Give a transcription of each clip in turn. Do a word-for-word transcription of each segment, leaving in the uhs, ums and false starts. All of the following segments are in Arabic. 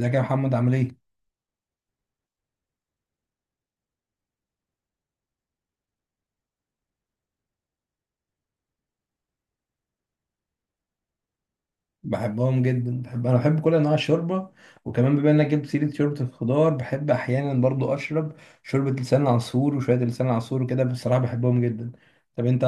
ازيك يا محمد عامل ايه؟ بحبهم جدا. بحب انا بحب كل انواع الشوربه. وكمان بما انك جبت سيره شوربه الخضار، بحب احيانا برضو اشرب شوربه لسان العصفور وشويه لسان العصفور وكده، بصراحه بحبهم جدا. طب انت،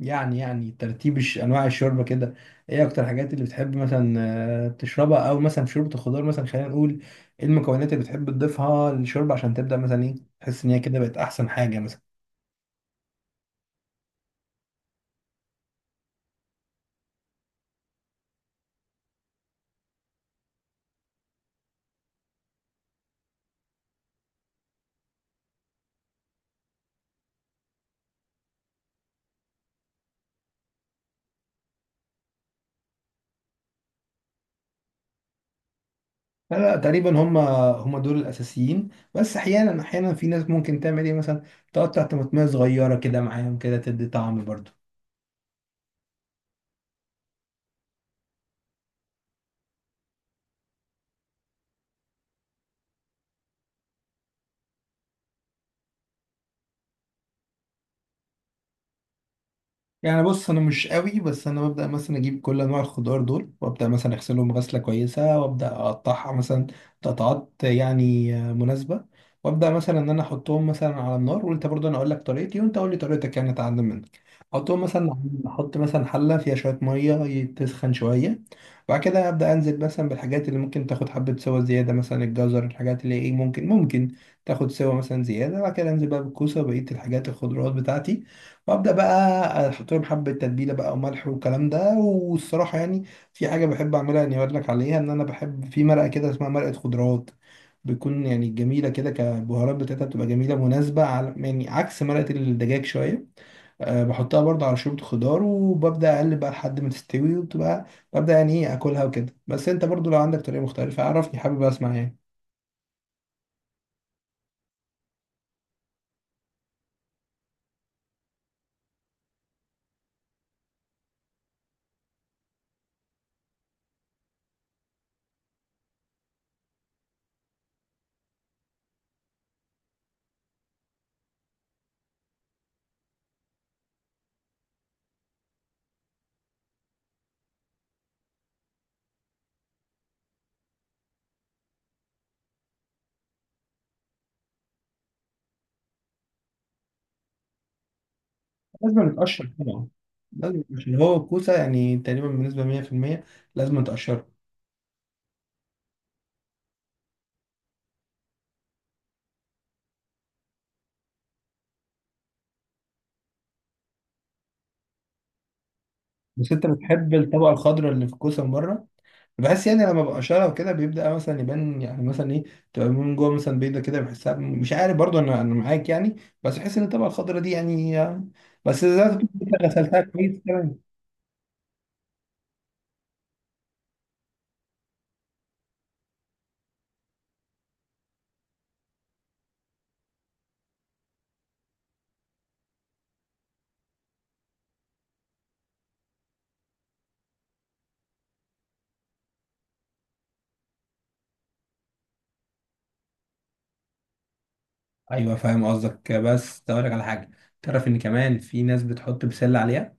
يعني يعني ترتيب الش- انواع الشوربه كده، ايه اكتر الحاجات اللي بتحب مثلا آه، تشربها؟ او مثلا في شوربه الخضار، مثلا خلينا نقول، ايه المكونات اللي بتحب تضيفها للشوربه عشان تبدا مثلا ايه تحس ان هي كده بقت احسن حاجه مثلا؟ لا لا، تقريبا هم هم دول الاساسيين. بس احيانا احيانا في ناس ممكن تعمل ايه مثلا، تقطع طماطميه صغيره كده معاهم كده تدي طعم برضو. يعني بص انا مش قوي، بس انا ببدا مثلا اجيب كل انواع الخضار دول وابدا مثلا اغسلهم غسله كويسه وابدا اقطعها مثلا قطعات يعني آه، مناسبه. وابدا مثلا ان انا احطهم مثلا على النار. وانت برضه انا اقول لك طريقتي، وانت قول لي طريقتك، يعني اتعلم منك. احطهم مثلا، احط مثلا حله فيها شويه ميه تسخن شويه. بعد كده ابدا انزل مثلا بالحاجات اللي ممكن تاخد حبه سوا زياده، مثلا الجزر، الحاجات اللي ايه ممكن ممكن تاخد سوا مثلا زياده. بعد كده انزل بقى بالكوسه وبقيه الحاجات الخضروات بتاعتي. وابدا بقى احط لهم حبه تتبيله بقى وملح والكلام ده. والصراحه يعني في حاجه بحب اعملها، اني اقول لك عليها، ان انا بحب في مرقه كده اسمها مرقه خضروات، بتكون يعني جميله كده كبهارات بتاعتها، بتبقى جميله مناسبه على يعني عكس مرقه الدجاج شويه. أه بحطها برضه على شوربه خضار، وببدا اقلب بقى لحد ما تستوي وبتبقى ببدا يعني ايه اكلها وكده. بس انت برضه لو عندك طريقه مختلفه عرفني، حابب اسمع يعني. لازم نتقشر طبعا، لازم، عشان هو الكوسه يعني تقريبا بنسبه مية في المية لازم نتقشر. بس انت بتحب الطبقه الخضراء اللي في الكوسه من بره؟ بحس يعني لما ببقى شارع وكده بيبدا مثلا يبان يعني مثلا ايه، تبقى من جوه مثلا بيضه كده. بحسها مش عارف برضو، انا انا معاك يعني. بس بحس ان الطبقه الخضراء دي يعني آه، بس زي ما تكون انت غسلتها كويس كمان. ايوه فاهم قصدك، بس اقول لك على حاجه، تعرف ان كمان في ناس بتحط بسله عليها؟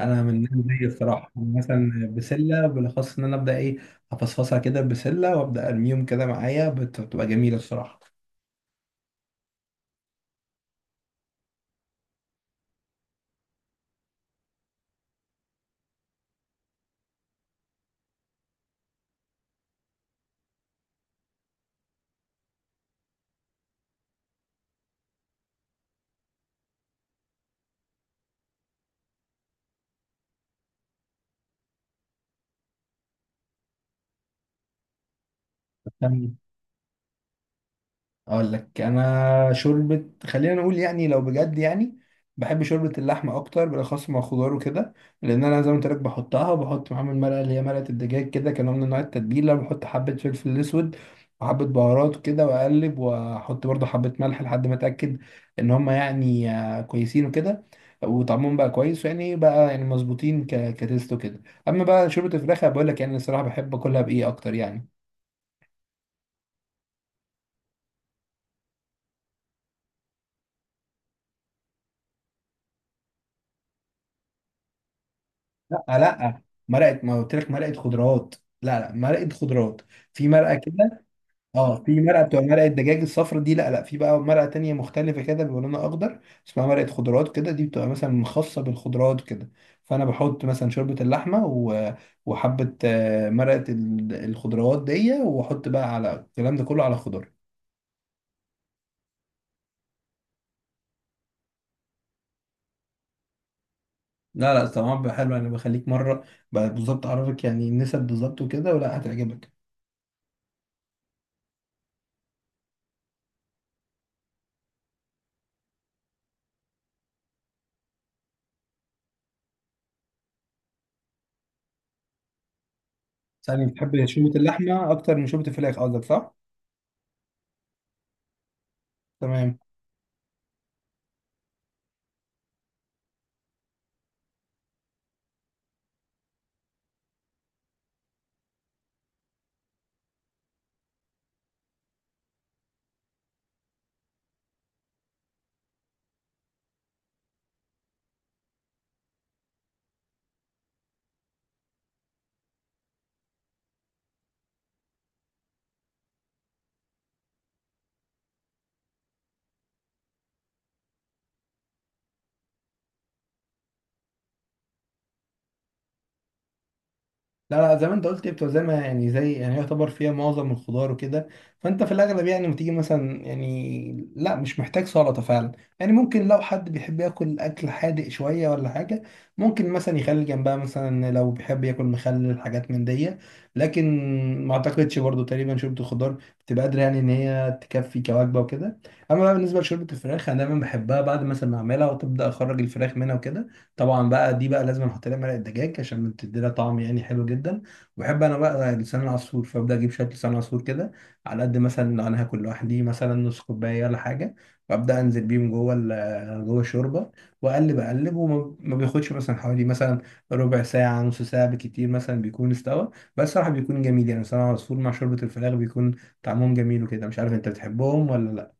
انا من الناس دي الصراحه مثلا، بسله، بالاخص ان انا ابدا ايه افصفصها كده بسله وابدا ارميهم كده معايا، بت- بتبقى جميله الصراحه. اقول لك انا شوربه، خلينا نقول يعني لو بجد يعني، بحب شوربه اللحمه اكتر، بالاخص مع خضار وكده. لان انا زي ما قلت لك بحطها، وبحط معاهم المرقه اللي هي مرقه الدجاج كده كنوع من انواع التتبيله. بحط حبه فلفل اسود وحبه بهارات وكده واقلب، واحط برضه حبه ملح لحد ما اتاكد ان هم يعني آه، كويسين وكده، وطعمهم بقى كويس يعني بقى يعني مظبوطين ك- كتيست وكده. اما بقى شوربه الفراخ، بقول لك يعني الصراحه بحب اكلها بايه اكتر يعني. لا لا، مرقه، ما قلت لك مرقه خضروات. لا لا، مرقه خضروات، في مرقه كده. اه في مرقه بتبقى مرقه دجاج الصفرا دي، لا لا، في بقى مرقه تانية مختلفه كده بيبقى لونها اخضر، اسمها مرقه خضروات كده، دي بتبقى مثلا خاصه بالخضروات كده. فانا بحط مثلا شوربه اللحمه و... وحبه آه، مرقه ال- الخضروات دي، واحط بقى على الكلام ده كله على خضار. لا لا طبعا بيبقى حلو، انا بخليك مره بقى بالظبط اعرفك يعني النسب بالظبط وكده ولا هتعجبك. ثاني بتحب شوربه اللحمه اكتر من شوربه الفراخ قصدك، صح؟ تمام. لا لا، زي ما انت قلت هي بتبقى زي ما يعني زي يعني يعتبر فيها معظم الخضار وكده. فانت في الاغلب يعني لما تيجي مثلا يعني لا مش محتاج سلطه فعلا. يعني ممكن لو حد بيحب ياكل اكل حادق شويه ولا حاجه، ممكن مثلا يخلي جنبها مثلا لو بيحب ياكل مخلل، حاجات من دي. لكن ما اعتقدش برضو تقريبا شوربه الخضار بتبقى قادره يعني ان هي تكفي كوجبه وكده. اما بقى بالنسبه لشوربه الفراخ، انا دايما بحبها بعد مثلا ما اعملها وتبدا اخرج الفراخ منها وكده. طبعا بقى دي بقى لازم احط لها مرق الدجاج عشان بتدي لها طعم يعني حلو جدا. وبحب انا بقى لسان العصفور، فابدا اجيب شويه لسان عصفور كده، على قد مثلا لو انا هاكل لوحدي مثلا نص كوبايه ولا حاجه. وابدا انزل بيهم جوه ال- جوه الشوربه، واقلب اقلب، وما ما بياخدش مثلا حوالي مثلا ربع ساعه نص ساعه بكتير مثلا بيكون استوى. بس صراحه بيكون جميل، يعني لسان العصفور مع شوربه الفراخ بيكون طعمهم جميل وكده. مش عارف انت بتحبهم ولا.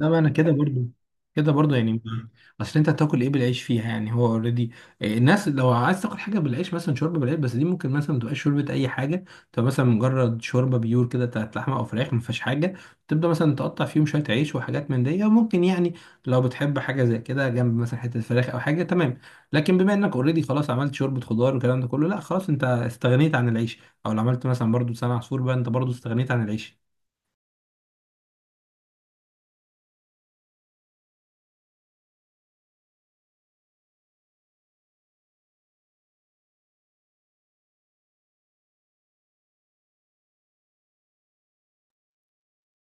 لا ما انا كده برضو، كده برضو يعني. اصل انت هتاكل ايه بالعيش فيها يعني؟ هو اوريدي الناس لو عايز تاكل حاجه بالعيش، مثلا شوربه بالعيش، بس دي ممكن مثلا تبقى شوربه اي حاجه، تبقى مثلا مجرد شوربه بيور كده بتاعت لحمه او فراخ ما فيهاش حاجه، تبدا مثلا تقطع فيهم شويه عيش وحاجات من دي. وممكن يعني لو بتحب حاجه زي كده جنب مثلا حته فراخ او حاجه، تمام. لكن بما انك اوريدي خلاص عملت شوربه خضار والكلام ده كله، لا خلاص انت استغنيت عن العيش. او لو عملت مثلا برضو لسان عصفور بقى، انت برضو استغنيت عن العيش.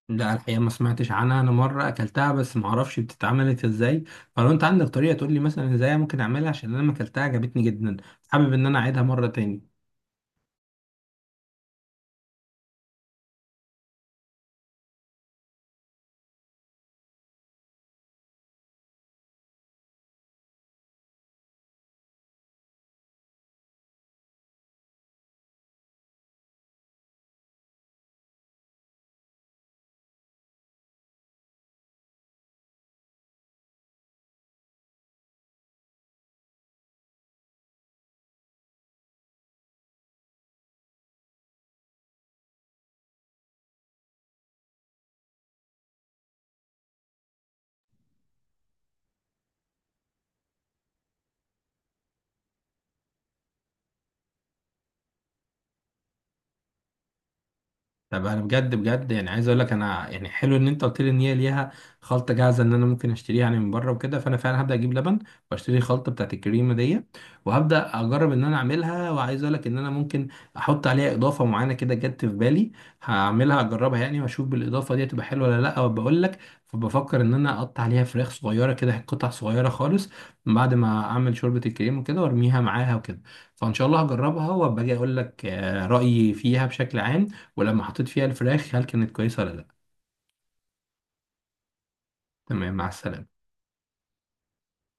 لا الحقيقة ما سمعتش عنها، أنا مرة أكلتها بس ما أعرفش بتتعملت إزاي. فلو أنت عندك طريقة تقول لي مثلا إزاي ممكن أعملها، عشان أنا ما أكلتها عجبتني جدا، حابب إن أنا أعيدها مرة تاني. طب انا بجد بجد يعني عايز اقول لك، انا يعني حلو ان انت قلت لي ان هي ليها خلطه جاهزه ان انا ممكن اشتريها يعني من بره وكده. فانا فعلا هبدا اجيب لبن واشتري الخلطه بتاعت الكريمه دي، وهبدا اجرب ان انا اعملها. وعايز اقول لك ان انا ممكن احط عليها اضافه معينه كده جت في بالي، هعملها اجربها يعني واشوف بالاضافه دي تبقى حلوه ولا لا، وبقول لك. فبفكر ان انا اقطع عليها فراخ صغيره كده قطع صغيره خالص، من بعد ما اعمل شوربه الكريمه وكده وارميها معاها وكده. فان شاء الله هجربها وابقى اجي اقول لك آه، رايي فيها بشكل عام، ولما حطيت فيها الفراخ هل كانت كويسة ولا لا. تمام، مع السلامة.